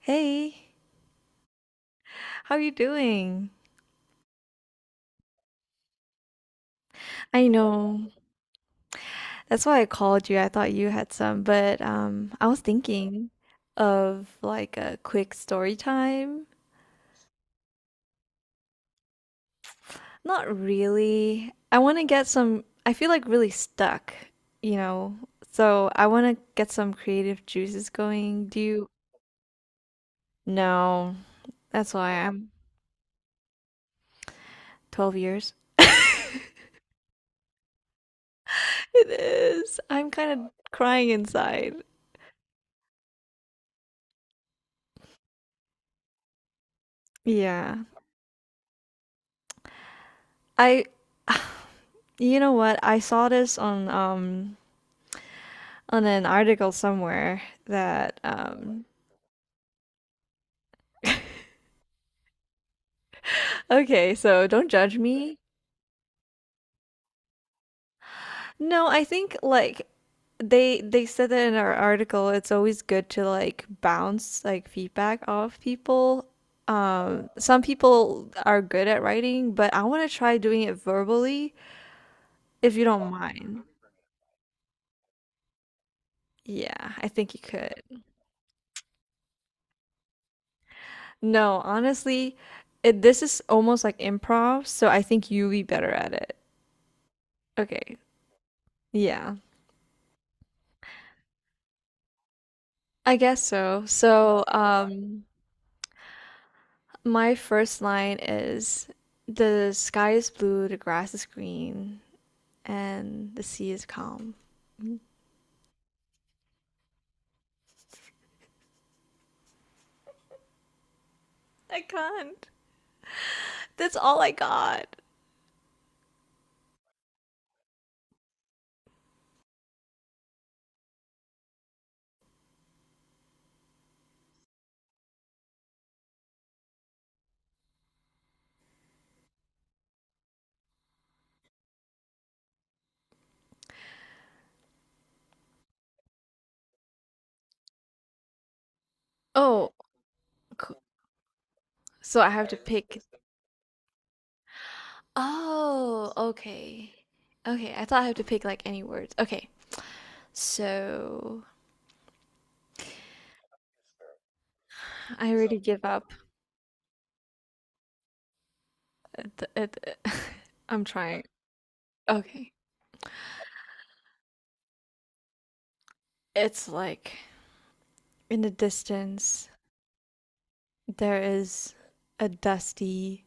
Hey, how are you doing? I know. That's why I called you. I thought you had some, but I was thinking of like a quick story time. Not really. I want to get some, I feel like really stuck, you know. So I want to get some creative juices going. Do you? No, that's why I'm 12 years. It is. I'm kind of crying inside. Yeah. I You know what? I saw this on an article somewhere that okay, so don't judge me. No, I think like they said that in our article it's always good to like bounce like feedback off people. Some people are good at writing, but I want to try doing it verbally if you don't mind. Yeah, I think you could. No, honestly, this is almost like improv, so I think you'll be better at it. Okay. Yeah, I guess so. So, my first line is the sky is blue, the grass is green, and the sea is calm. I can't. That's all I got. Oh, c- so I have to pick. Oh, okay. Okay, I thought I have to pick like any words. Okay, so I already give up. at the- at the- I'm trying. Okay. It's like in the distance. There is a dusty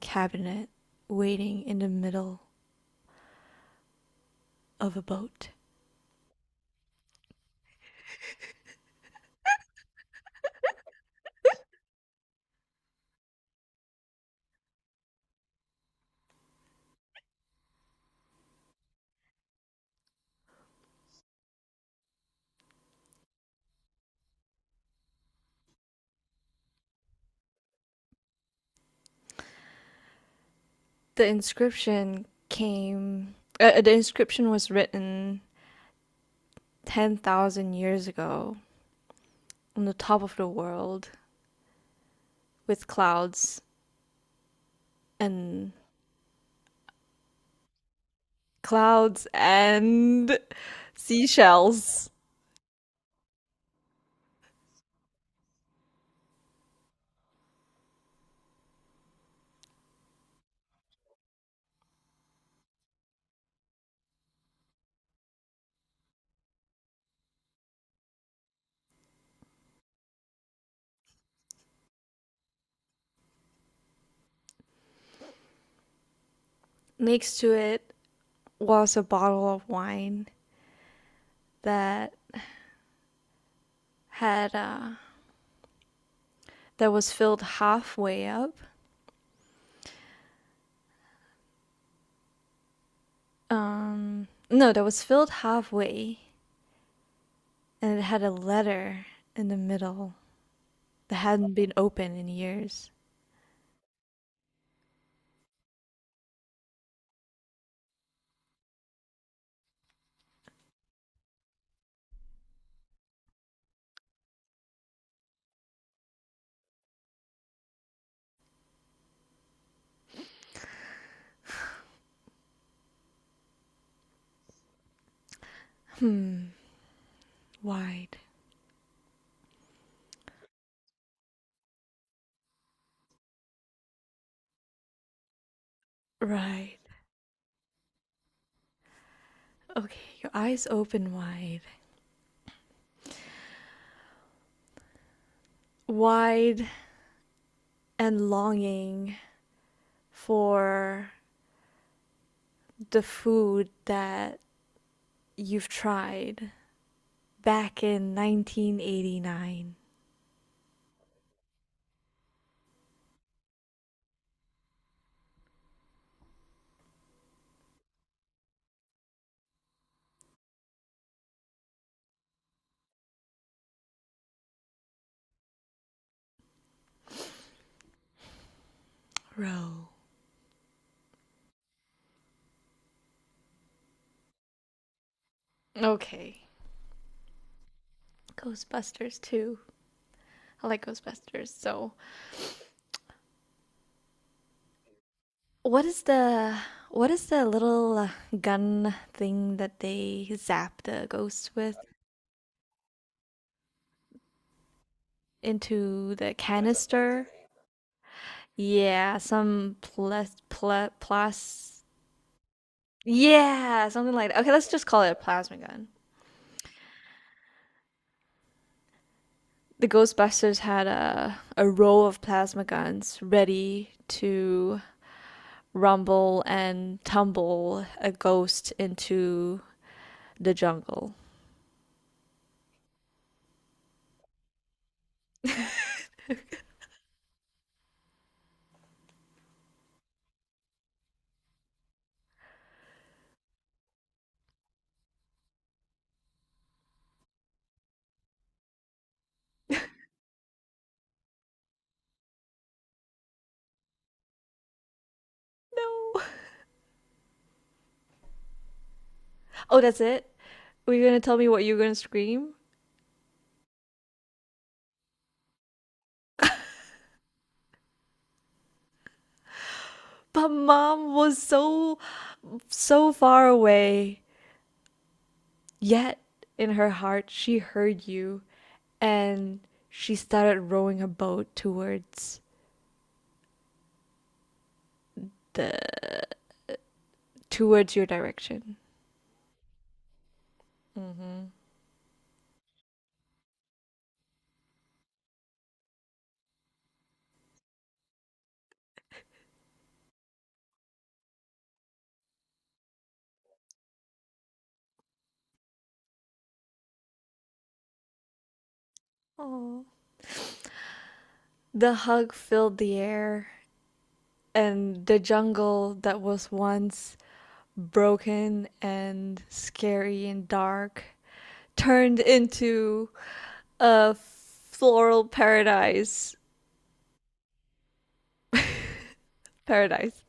cabinet waiting in the middle of a boat. The inscription came, the inscription was written 10,000 years ago on the top of the world with clouds and clouds and seashells. Next to it was a bottle of wine that had that was filled halfway up no, that was filled halfway, and it had a letter in the middle that hadn't been open in years. Hmm, wide. Right. Okay, your eyes open wide. Wide and longing for the food that you've tried back in 1989. Row. Okay. Ghostbusters too. I like Ghostbusters, so what is the little gun thing that they zap the ghosts with into the canister? Yeah, some plas pl plus yeah, something like that. Okay, let's just call it a plasma gun. The Ghostbusters had a row of plasma guns ready to rumble and tumble a ghost into the jungle. No. Oh, that's it? Were you gonna tell me what you were gonna scream? But mom was so, so far away. Yet in her heart, she heard you and she started rowing her boat towards your direction. Mm-hmm. Oh. The hug filled the air and the jungle that was once broken and scary and dark turned into a floral paradise. Paradise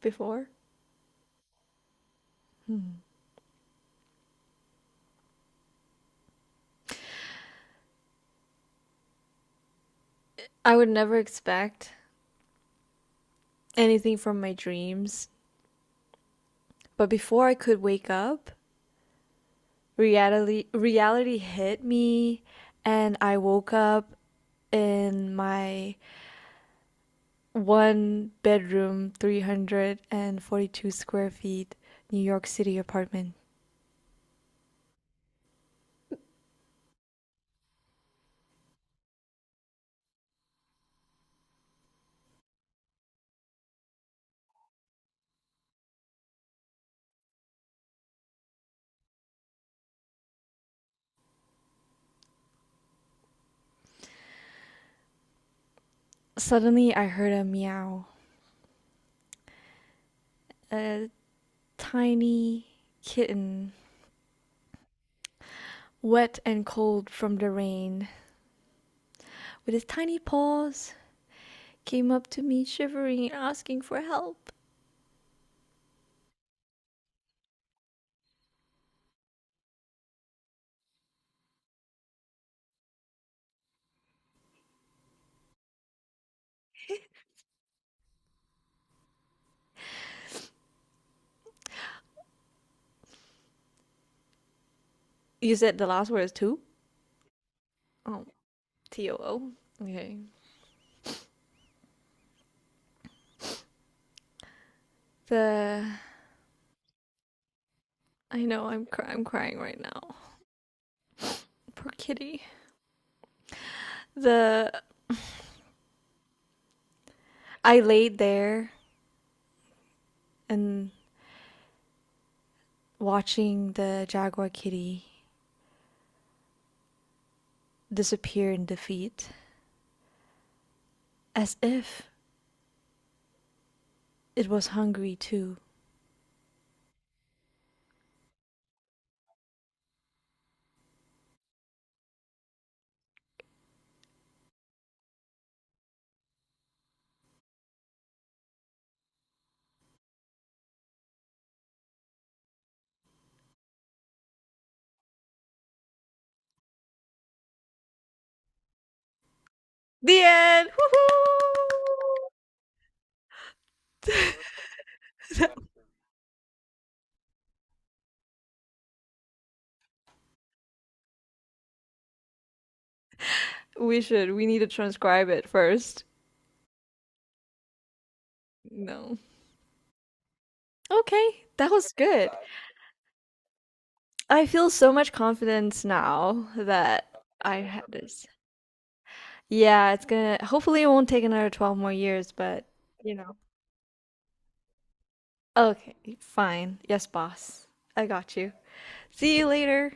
before. Hmm. I would never expect anything from my dreams, but before I could wake up, reality hit me and I woke up in my one bedroom 342 square feet New York City apartment. Suddenly I heard a meow, a tiny kitten, wet and cold from the rain, with his tiny paws came up to me shivering and asking for help. You said the last word is two? Oh, too. Okay. The I'm crying right now. Poor kitty. The I laid there and watching the jaguar kitty disappear in defeat as if it was hungry too. The end. Woohoo! We need to transcribe it first. No. Okay, that was good. I feel so much confidence now that I had this yeah, it's gonna, hopefully it won't take another 12 more years, but you know. Okay, fine. Yes, boss. I got you. See you later.